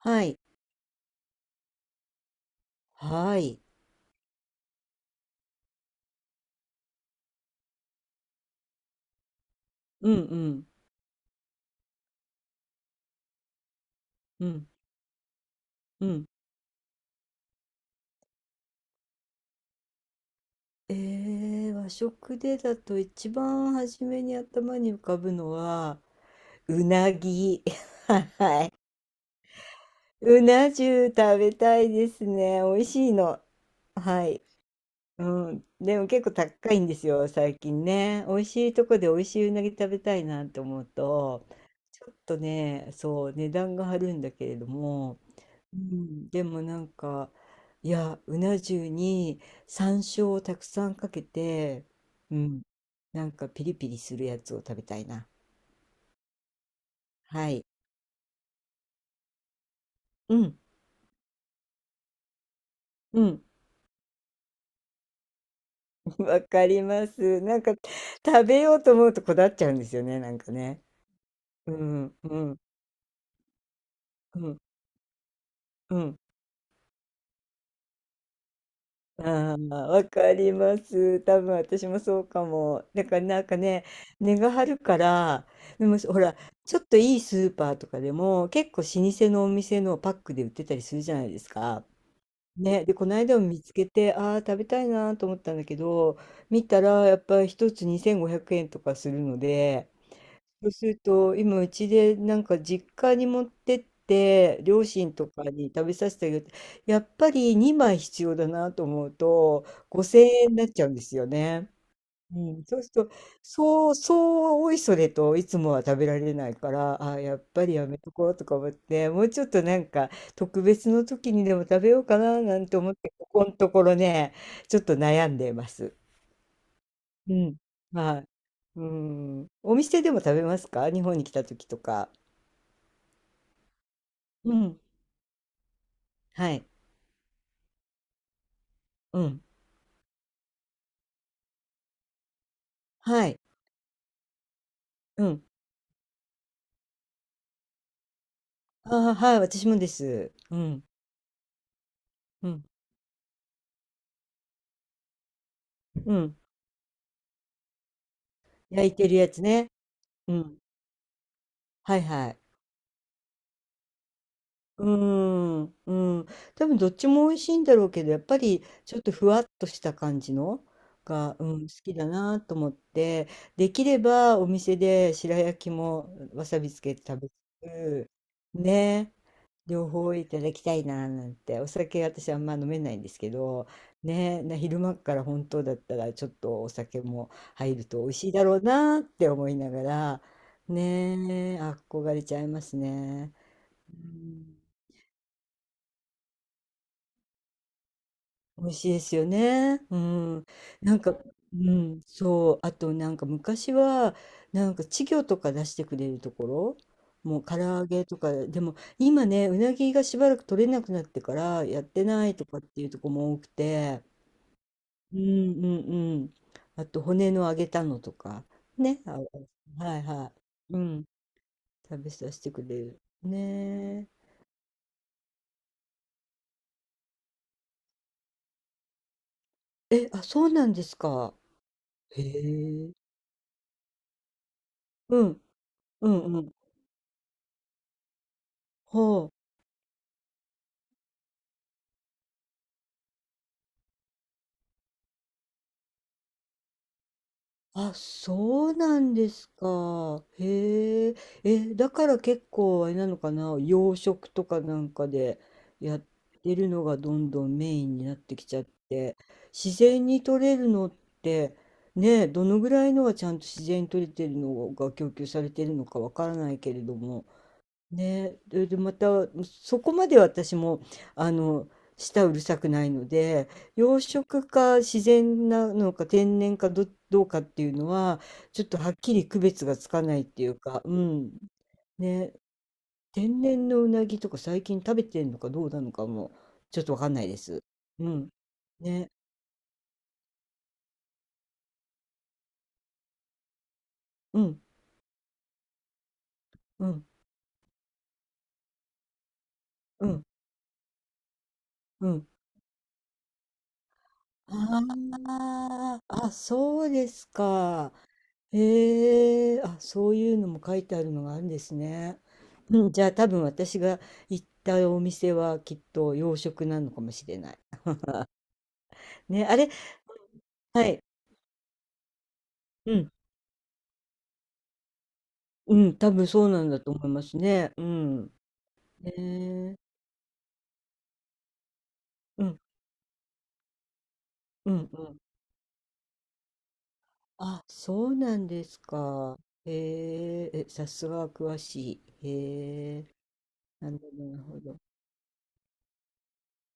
はい。はい。うんうんうんうん。和食でだと一番初めに頭に浮かぶのは、うなぎ。はい。うな重食べたいですね。美味しいの。はい。うん。でも結構高いんですよ、最近ね。美味しいとこで美味しいうなぎ食べたいなって思うと、ちょっとね、そう、値段が張るんだけれども、うん、でもなんか、いや、うな重に山椒をたくさんかけて、うん、なんかピリピリするやつを食べたいな。はい。うん、うん、わかります。なんか食べようと思うとこだわっちゃうんですよね、なんかね。うん、うん、うん、うん。ああ、わかります。多分私もそうかも。だからなんかね、値が張るから、でもほら、ちょっといいスーパーとかでも結構老舗のお店のパックで売ってたりするじゃないですか。ね、で、この間も見つけて、ああ、食べたいなと思ったんだけど、見たらやっぱり一つ2500円とかするので、そうすると、今うちでなんか実家に持ってって、両親とかに食べさせてあげる。やっぱり2枚必要だなと思うと、5000円になっちゃうんですよね。うん、そうすると、そう、そう、おいそれといつもは食べられないから、あ、やっぱりやめとこうとか思って、もうちょっとなんか特別の時にでも食べようかななんて思って、ここのところね、ちょっと悩んでます。うん。はい。うん。お店でも食べますか？日本に来た時とか。うん。はい。うん。はい。うん。ああ、はい、私もです。うん。うん。うん。焼いてるやつね。うん。はいはい。うーん。うん。多分どっちも美味しいんだろうけど、やっぱりちょっとふわっとした感じのが、うん、好きだなと思って、できればお店で白焼きもわさびつけて食べるね、両方いただきたいななんて、お酒私あんま飲めないんですけどね、な昼間から本当だったらちょっとお酒も入ると美味しいだろうなって思いながら、ね、憧れちゃいますね。うん、美味しいですよね。うん。なんか、うん、そう。あと、なんか昔は、なんか稚魚とか出してくれるところ、もう唐揚げとか、でも今ね、うなぎがしばらく取れなくなってからやってないとかっていうとこも多くて、うんうんうん。あと、骨の揚げたのとか、ね。あ、はいはい。うん。食べさせてくれる。ねえ。え、あ、そうなんですか。へえ。うん、うんうん。はあ。あ、そうなんですか。へえ。え、だから結構あれなのかな、洋食とかなんかでやってるのがどんどんメインになってきちゃって、自然に取れるのって、ね、どのぐらいのはちゃんと自然に取れてるのが供給されてるのかわからないけれども、ね、で、でまたそこまで私も、あの、舌うるさくないので、養殖か自然なのか天然かどうかっていうのはちょっとはっきり区別がつかないっていうか、うん、ね、天然のうなぎとか最近食べてんのかどうなのかもちょっとわかんないです。うん、ね、うん、うん、うん、うん。あああ、そうですか。へえ、あ、そういうのも書いてあるのがあるんですね。うん、じゃあ多分私が行ったお店はきっと洋食なのかもしれない。ね、あれ、はい。うん、うん、多分そうなんだと思いますね。うん。ねえ、うん、うん、うん。あ、そうなんですか。へえ、え、さすが詳しい。へえ、なるほど、なるほど。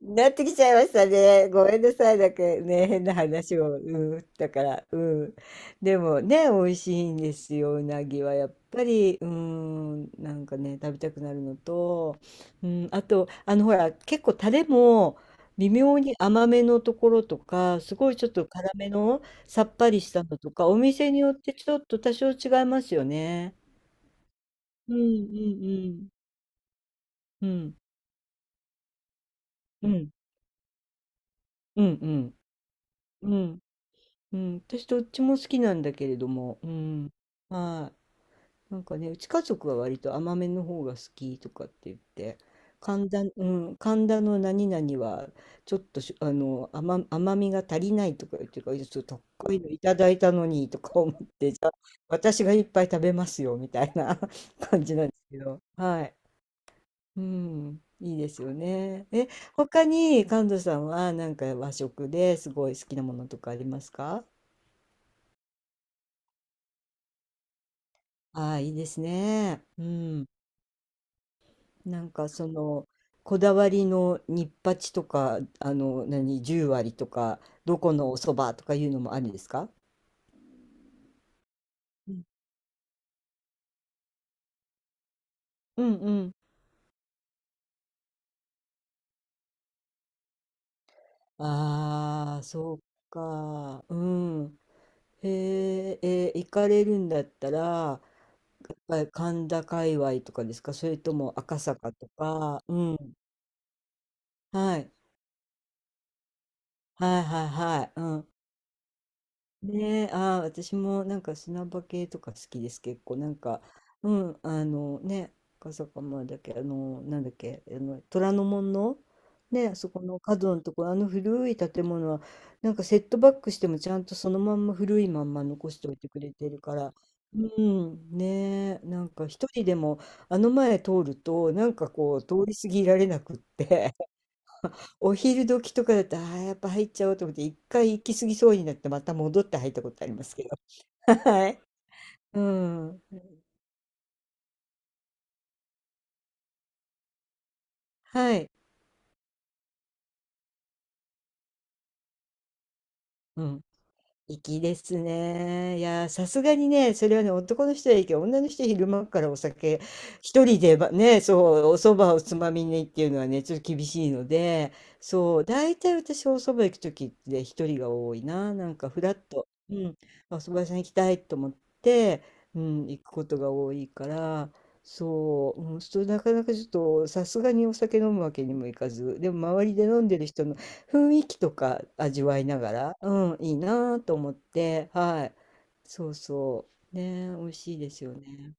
なってきちゃいましたね。ごめんなさい。なんかね、変な話を。うん。だから、うん。でもね、美味しいんですよ。うなぎはやっぱり、うん。なんかね、食べたくなるのと、うん。あと、あの、ほら、結構タレも微妙に甘めのところとか、すごいちょっと辛めのさっぱりしたのとか、お店によってちょっと多少違いますよね。うんうんうん。うん。うんうんうん。うん。うん、私どっちも好きなんだけれども、うん、はい、なんかね、うち家族は割と甘めの方が好きとかって言って、神田、うん、神田の何々はちょっとし、あの、甘みが足りないとか言ってるから、いや、ちょっと高いのいただいたのにとか思って、じゃあ私がいっぱい食べますよみたいな 感じなんですけど、はい、うん、いいですよね。え、他に神田さんはなんか和食ですごい好きなものとかありますか？ああ、いいですね。うん。なんかその、こだわりのニッパチとか、あの、何、十割とか、どこのお蕎麦とかいうのもあるんですか？うん。うんうん。ああ、そうか。うん。へえ、行かれるんだったら、やっぱり神田界隈とかですか、それとも赤坂とか？うん。はい。はいはいはい。うん。ねえ、ああ、私もなんか砂場系とか好きです、結構。なんか、うん、あのね、赤坂まだっけ、あの、なんだっけ、あの、虎ノ門の、ね、あそこの角のところ、あの古い建物は、なんかセットバックしてもちゃんとそのまんま古いまんま残しておいてくれてるから、うん、ねえ、なんか一人でもあの前通ると、なんかこう、通り過ぎられなくって、お昼時とかだとああ、やっぱ入っちゃおうと思って、一回行き過ぎそうになって、また戻って入ったことありますけど。はい。うん。はい。うん。粋ですね。いやー、さすがにね、それはね、男の人はいいけど、女の人は昼間からお酒、一人でばね、そう、お蕎麦をつまみにっていうのはね、ちょっと厳しいので、そう、大体私お蕎麦行く時ってね一人が多いな、なんかふらっと、うん、あ、お蕎麦屋さん行きたいと思って、うん、行くことが多いから、そう、うん、そうなかなかちょっと、さすがにお酒飲むわけにもいかず、でも周りで飲んでる人雰囲気とか味わいながら、うん、いいなと思って、はい。そうそう。ね、美味しいですよね。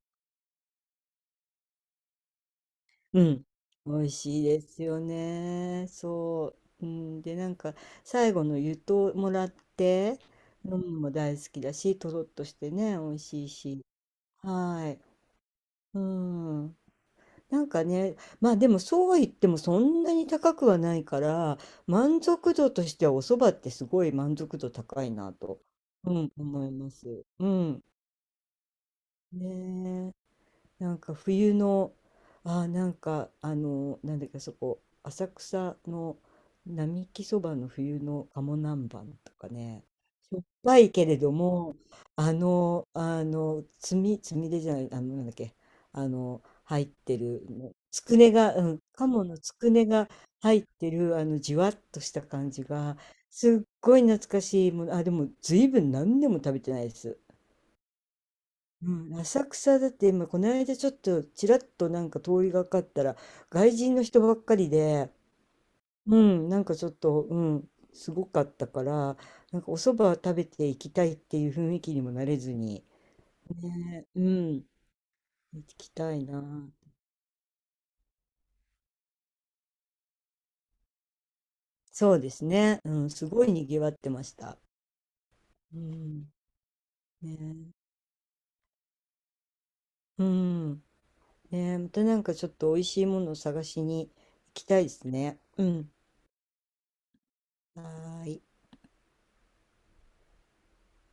うん。美味しいですよね。そう。うん、で、なんか、最後の湯ともらって、飲むのも大好きだし、とろっとしてね、美味しいし。はい。うん。なんかね、まあでもそうは言ってもそんなに高くはないから、満足度としてはお蕎麦ってすごい満足度高いなと、うん、思います。うん。ねえ、なんか冬の、あー、なんかあのなんだっけ、そこ浅草の並木そばの冬の鴨南蛮とかね、しょっぱいけれども、あのつみれじゃない、あのなんだっけ、あの入ってるね、つくねが、うん、鴨のつくねが入ってるあのじわっとした感じがすっごい懐かしいもの、あ、でも随分何年も食べてないです。うん、浅草だって今この間ちょっとちらっとなんか通りがかったら外人の人ばっかりで、うん、なんかちょっと、うん、すごかったから、なんかお蕎麦食べていきたいっていう雰囲気にもなれずに、ね、うん、行きたいな。そうですね、うん、すごいにぎわってました。うん、ね、うん、ね、またなんかちょっと美味しいものを探しに行きたいですね。うん、はーい。